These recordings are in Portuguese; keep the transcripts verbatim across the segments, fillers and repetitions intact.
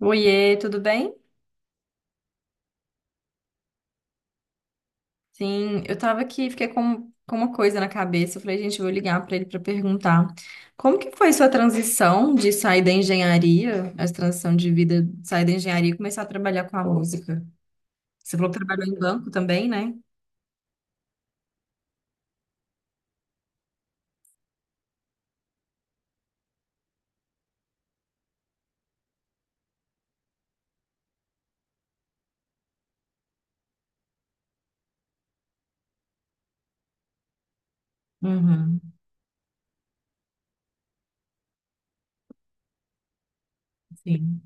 Oiê, tudo bem? Sim, eu tava aqui, fiquei com, com uma coisa na cabeça. Eu falei, gente, eu vou ligar pra ele pra perguntar. Como que foi sua transição de sair da engenharia, a transição de vida, de sair da engenharia e começar a trabalhar com a música? Você falou que trabalhou em banco também, né? Uhum, sim.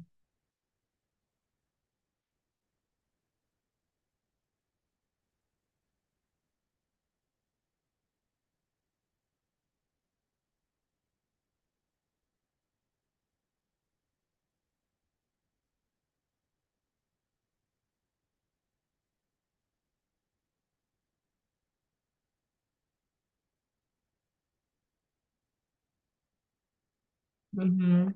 Uhum,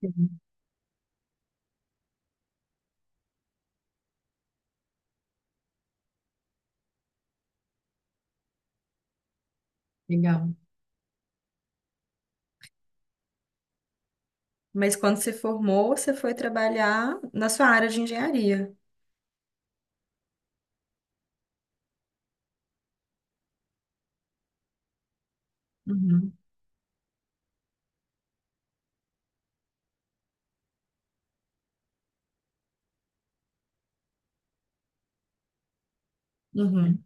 sim. Legal. Mas quando você formou, você foi trabalhar na sua área de engenharia. Uhum, uhum,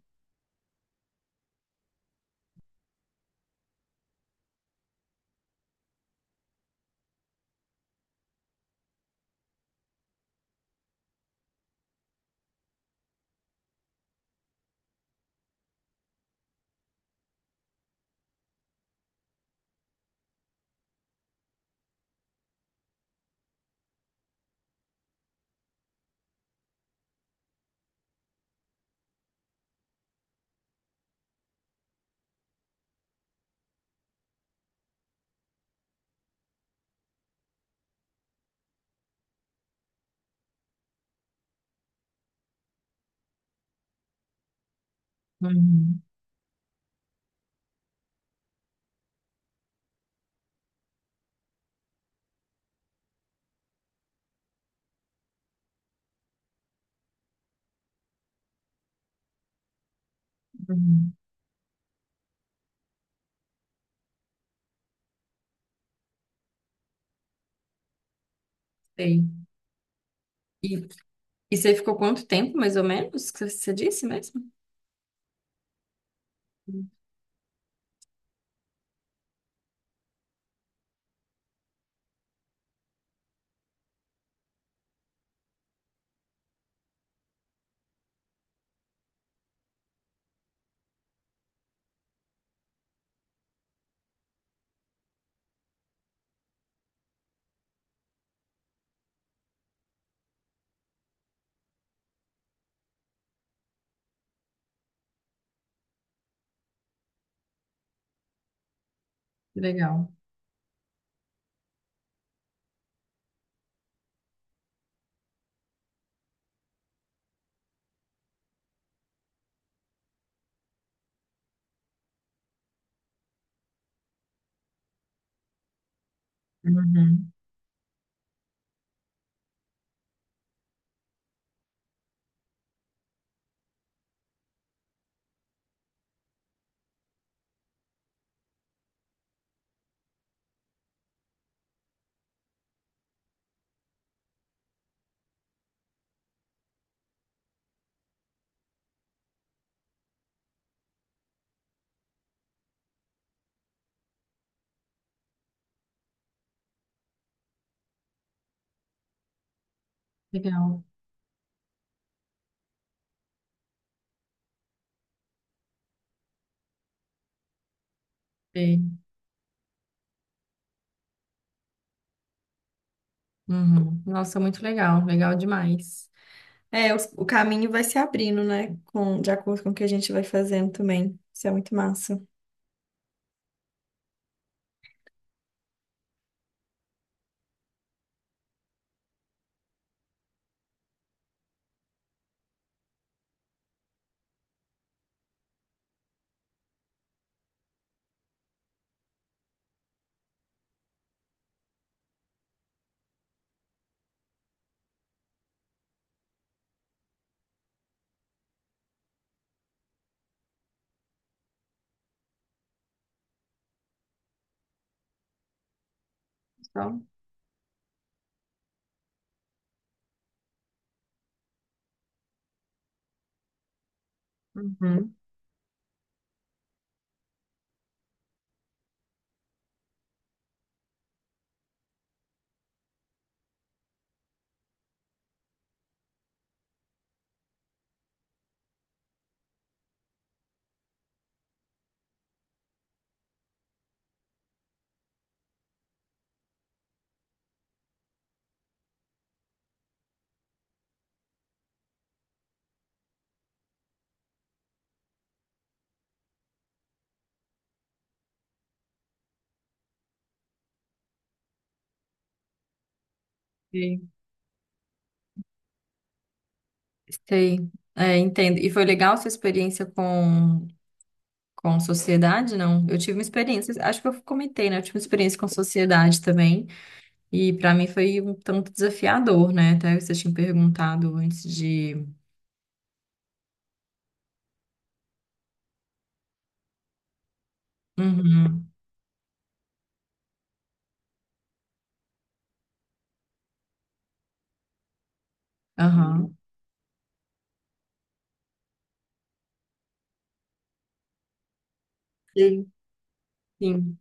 uhum, uhum. Sei. E, E você ficou quanto tempo, mais ou menos, que você disse mesmo? Legal. Uhum. Legal. Sei. Uhum. Nossa, muito legal. Legal demais. É, o, o caminho vai se abrindo, né? Com, de acordo com o que a gente vai fazendo também. Isso é muito massa. Então, uhum. Sei. Sei. É, entendo. E foi legal a sua experiência com, com sociedade, não? Eu tive uma experiência, acho que eu comentei, né? Eu tive uma experiência com sociedade também. E para mim foi um tanto desafiador, né? Até você tinha perguntado antes de. Uhum, aham. Sim, sim.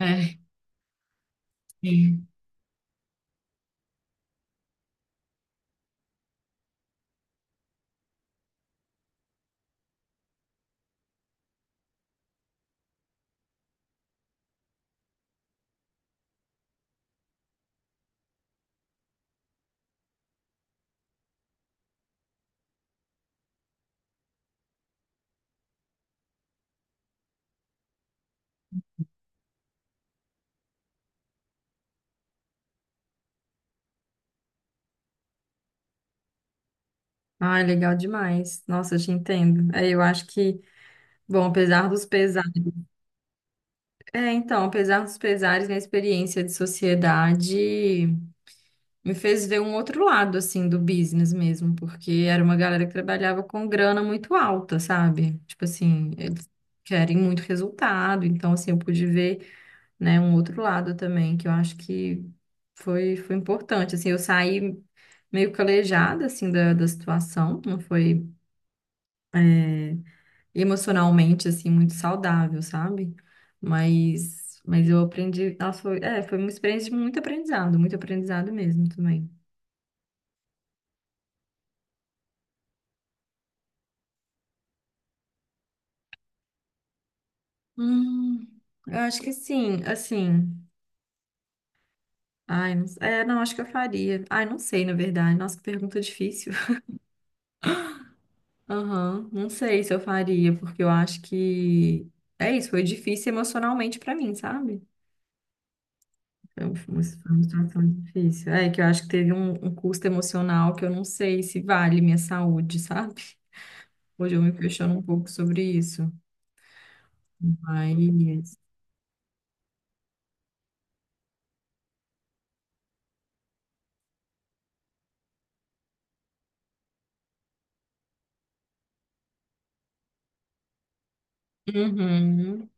É, sim. Ah, legal demais. Nossa, eu te entendo. É, eu acho que, bom, apesar dos pesares. É, então, apesar dos pesares, minha experiência de sociedade me fez ver um outro lado, assim, do business mesmo, porque era uma galera que trabalhava com grana muito alta, sabe? Tipo assim, eles querem muito resultado, então, assim, eu pude ver. Né? Um outro lado também, que eu acho que foi, foi importante, assim, eu saí meio calejada, assim, da, da situação, não foi emocionalmente, assim, muito saudável, sabe? Mas, mas eu aprendi, nossa, foi, é, foi uma experiência de muito aprendizado, muito aprendizado mesmo também. Hum, eu acho que sim, assim, ai, não, é, não, acho que eu faria, ai, não sei, na verdade, nossa, que pergunta difícil. Aham, não sei se eu faria, porque eu acho que é isso, foi difícil emocionalmente pra mim, sabe? Foi um- foi uma situação difícil. É que eu acho que teve um, um custo emocional que eu não sei se vale minha saúde, sabe? Hoje eu me questiono um pouco sobre isso. Mas. Uhum.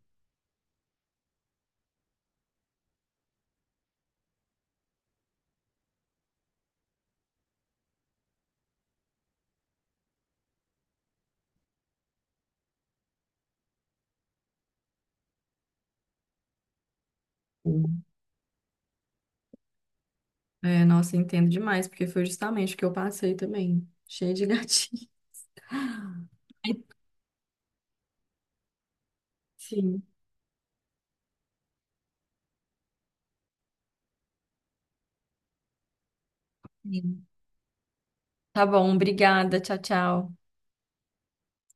É, nossa, eu entendo demais, porque foi justamente o que eu passei também. Cheio de gatinho. Sim. Sim. Tá bom, obrigada. Tchau, tchau.